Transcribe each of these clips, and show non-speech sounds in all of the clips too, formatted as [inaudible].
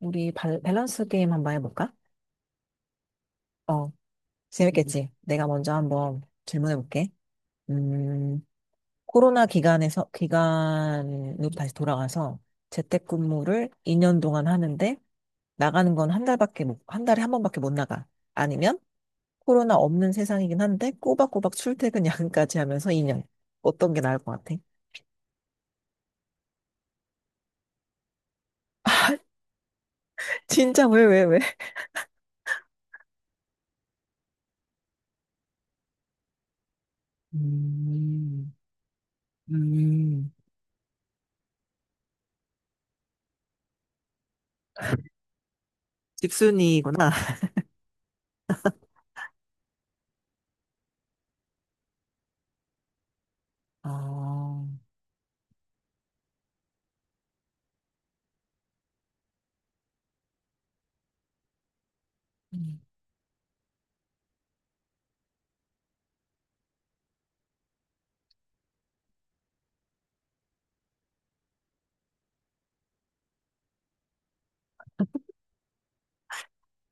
우리 밸런스 게임 한번 해볼까? 어, 재밌겠지? 내가 먼저 한번 질문해볼게. 음, 코로나 기간으로 다시 돌아가서 재택근무를 2년 동안 하는데 나가는 건 한 달밖에 못, 한 달에 한 번밖에 못 나가. 아니면 코로나 없는 세상이긴 한데 꼬박꼬박 출퇴근 [laughs] 야근까지 하면서 2년. 어떤 게 나을 것 같아? [laughs] 진짜 왜? 음, 음, 집순이구나. [laughs] 아,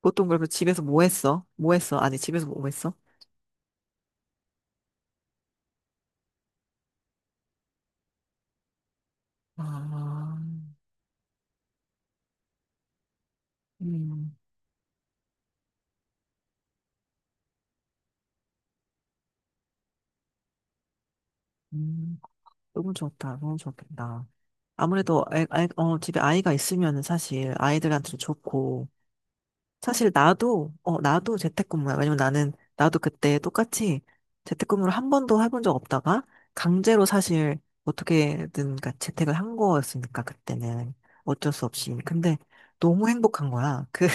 보통 그러면 집에서 뭐 했어? 뭐 했어? 아니, 집에서 뭐 했어? 아, 음, 음, 너무 좋다. 너무 좋겠다. 아무래도, 집에 아이가 있으면 사실 아이들한테도 좋고, 사실 나도 재택근무야. 왜냐면 나는, 나도 그때 똑같이 재택근무를 한 번도 해본 적 없다가, 강제로 사실 어떻게든 재택을 한 거였으니까, 그때는. 어쩔 수 없이. 근데 너무 행복한 거야. 그,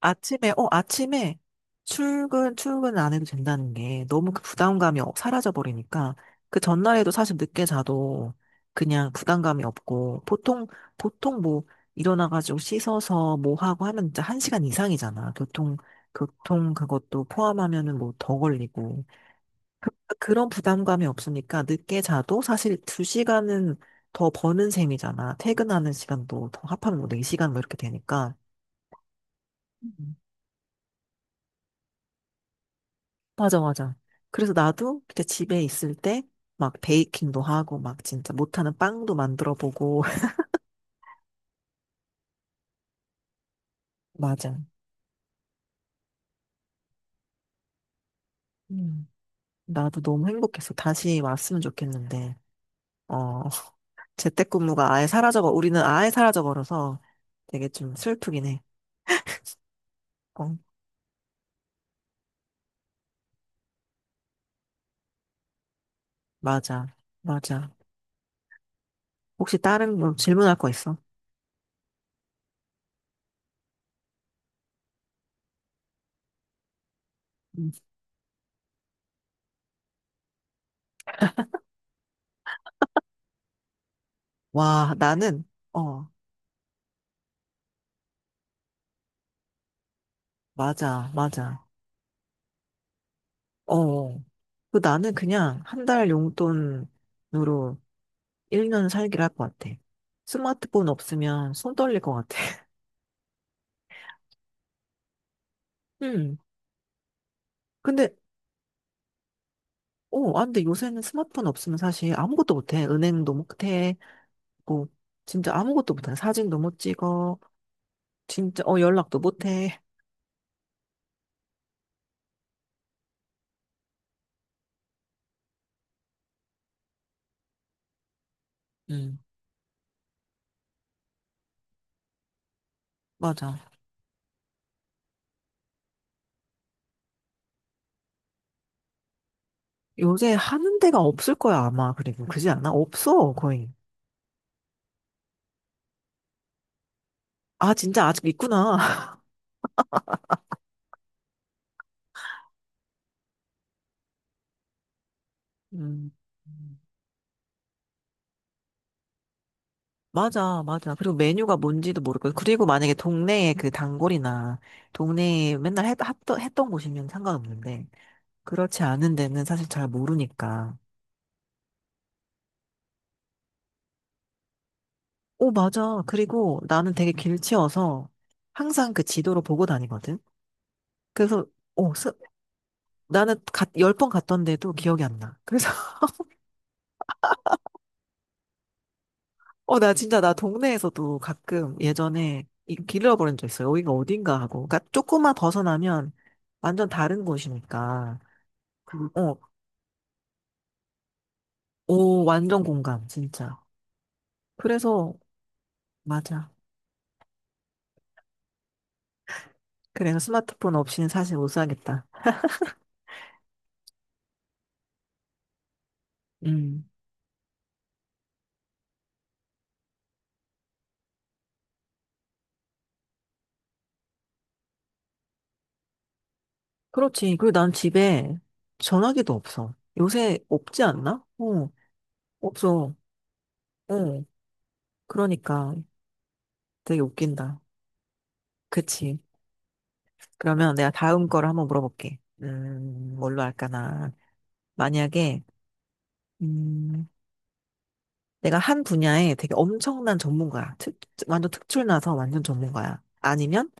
아침에 출근 안 해도 된다는 게 너무 그 부담감이 사라져버리니까 그 전날에도 사실 늦게 자도 그냥 부담감이 없고 보통, 보통 뭐 일어나가지고 씻어서 뭐 하고 하면 진짜 한 시간 이상이잖아. 교통, 교통 그것도 포함하면은 뭐 더 걸리고. 그- 그런 부담감이 없으니까 늦게 자도 사실 두 시간은 더 버는 셈이잖아. 퇴근하는 시간도 더 합하면 뭐 4시간 뭐 이렇게 되니까. 맞아, 맞아. 그래서 나도 그때 집에 있을 때 막 베이킹도 하고 막 진짜 못하는 빵도 만들어 보고. [laughs] 맞아. 음. 나도 너무 행복했어. 다시 왔으면 좋겠는데. 어, [laughs] 우리는 아예 사라져버려서 되게 좀 슬프긴 해. 어, 맞아. 맞아. 혹시 다른 뭐 질문할 거 있어? 음. 와, 어, 맞아, 맞아. 어, 그 나는 그냥 한 달 용돈으로 1년 살기를 할 것 같아. 스마트폰 없으면 손 떨릴 것 같아. [laughs] 음. 근데, 근데 요새는 스마트폰 없으면 사실 아무것도 못해. 은행도 못해. 뭐, 진짜 아무것도 못해. 사진도 못 찍어. 연락도 못해. 음, 맞아. 요새 하는 데가 없을 거야, 아마. 그리고, 그지 않아? 없어, 거의. 아, 진짜 아직 있구나. [laughs] 음. 맞아, 맞아. 그리고 메뉴가 뭔지도 모르고. 그리고 만약에 동네에 그 단골이나 동네에 맨날 했던 곳이면 상관없는데. 그렇지 않은 데는 사실 잘 모르니까. 오, 맞아. 그리고 나는 되게 길치여서 항상 그 지도를 보고 다니거든. 그래서, 오, 나는 열 번 갔던데도 기억이 안 나. 그래서, [laughs] 어, 나 진짜 나 동네에서도 가끔 예전에 길 잃어버린 적 있어. 요 여기가 어딘가 하고. 그러니까 조금만 벗어나면 완전 다른 곳이니까. 어, 오, 완전 공감, 진짜. 그래서, 맞아. 그래서 스마트폰 없이는 사실 못 살겠다. 음. 그렇지. 그리고 난 집에 전화기도 없어. 요새 없지 않나? 어, 없어. 어, 그러니까 되게 웃긴다. 그치. 그러면 내가 다음 거를 한번 물어볼게. 뭘로 할까나. 만약에, 음, 내가 한 분야에 되게 엄청난 전문가야. 완전 특출나서 완전 전문가야. 아니면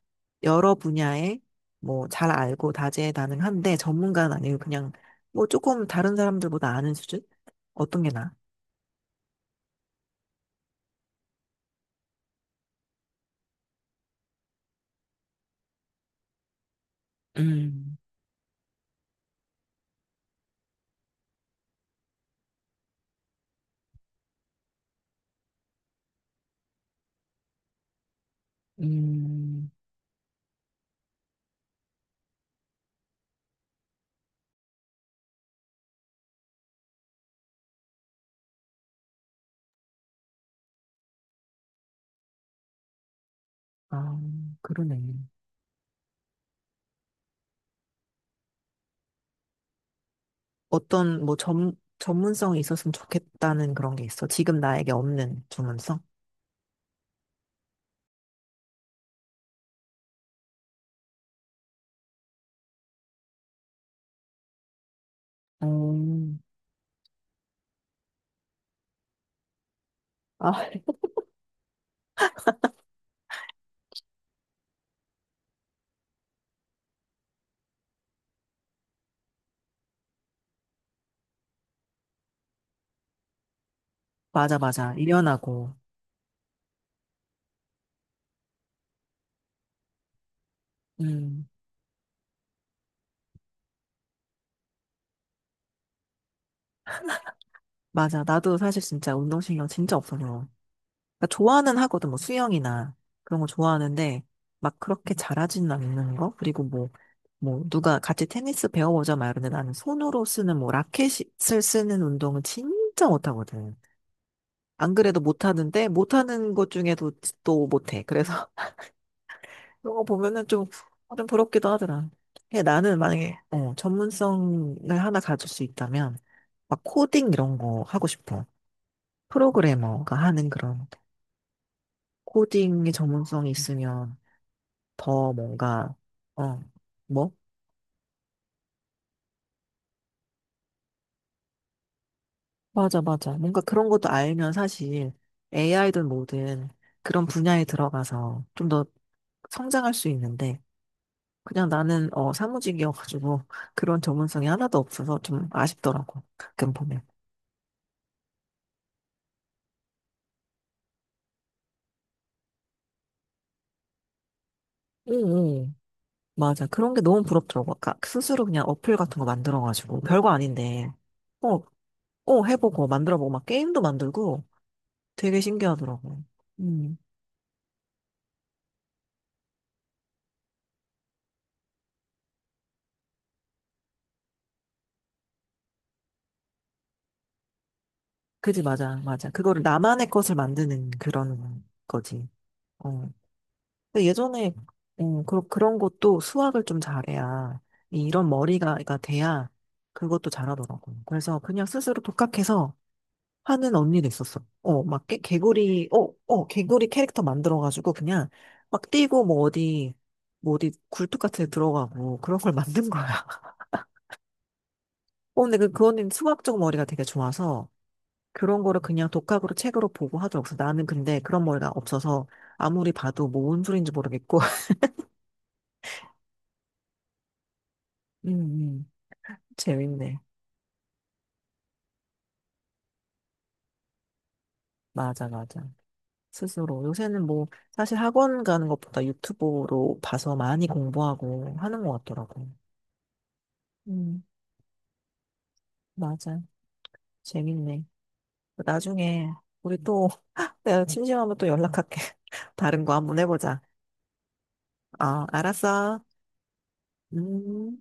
여러 분야에 뭐 잘 알고 다재다능한데 전문가는 아니고 그냥 뭐 조금 다른 사람들보다 아는 수준? 어떤 게 나아? 음. 음, 아, 그러네. 어떤, 뭐, 전문성이 있었으면 좋겠다는 그런 게 있어. 지금 나에게 없는 전문성? 음, 아, [laughs] 맞아, 맞아. 유연하고. 음, 맞아. 나도 사실 진짜 운동신경 진짜 없어서. 그러니까 좋아는 하거든, 뭐, 수영이나 그런 거 좋아하는데, 막 그렇게 잘하지는 않는 거? 그리고 뭐, 누가 같이 테니스 배워보자 말하는데 나는 손으로 쓰는 뭐, 라켓을 쓰는 운동은 진짜 못하거든. 안 그래도 못하는데 못하는 것 중에도 또 못해. 그래서 [laughs] 그런 거 보면은 좀, 아, 좀 부럽기도 하더라. 근데 나는 만약에 전문성을 하나 가질 수 있다면 막 코딩 이런 거 하고 싶어. 프로그래머가 하는 그런 코딩의 전문성이 있으면 더 뭔가 어, 뭐? 맞아, 맞아. 뭔가 그런 것도 알면 사실 AI든 뭐든 그런 분야에 들어가서 좀 더 성장할 수 있는데 그냥 나는 어 사무직이어가지고 그런 전문성이 하나도 없어서 좀 아쉽더라고 가끔 보면. 응, 응. 맞아. 그런 게 너무 부럽더라고. 아까 스스로 그냥 어플 같은 거 만들어가지고 별거 아닌데 어, 어 해보고 만들어보고 막 게임도 만들고 되게 신기하더라고. 음, 그지 맞아 맞아. 그거를 나만의 것을 만드는 그런 거지. 어. 근데 예전에 그, 그런 것도 수학을 좀 잘해야 이런 머리가 가 돼야 그것도 잘하더라고. 그래서 그냥 스스로 독학해서 하는 언니도 있었어. 어, 막 개구리, 개구리 캐릭터 만들어가지고 그냥 막 뛰고 뭐 어디 뭐 어디 굴뚝 같은 데 들어가고 그런 걸 만든 거야. [laughs] 어, 근데 그, 그 언니는 수학적 머리가 되게 좋아서 그런 거를 그냥 독학으로 책으로 보고 하더라고. 그래서 나는 근데 그런 머리가 없어서 아무리 봐도 뭐 뭔 소리인지 모르겠고. [laughs] 음, 음. 재밌네. 맞아, 맞아. 스스로. 요새는 뭐, 사실 학원 가는 것보다 유튜브로 봐서 많이 공부하고 하는 것 같더라고. 음, 맞아. 재밌네. 나중에, 우리 또, [laughs] 내가 심심하면 또 연락할게. [laughs] 다른 거 한번 해보자. 아, 알았어. 음.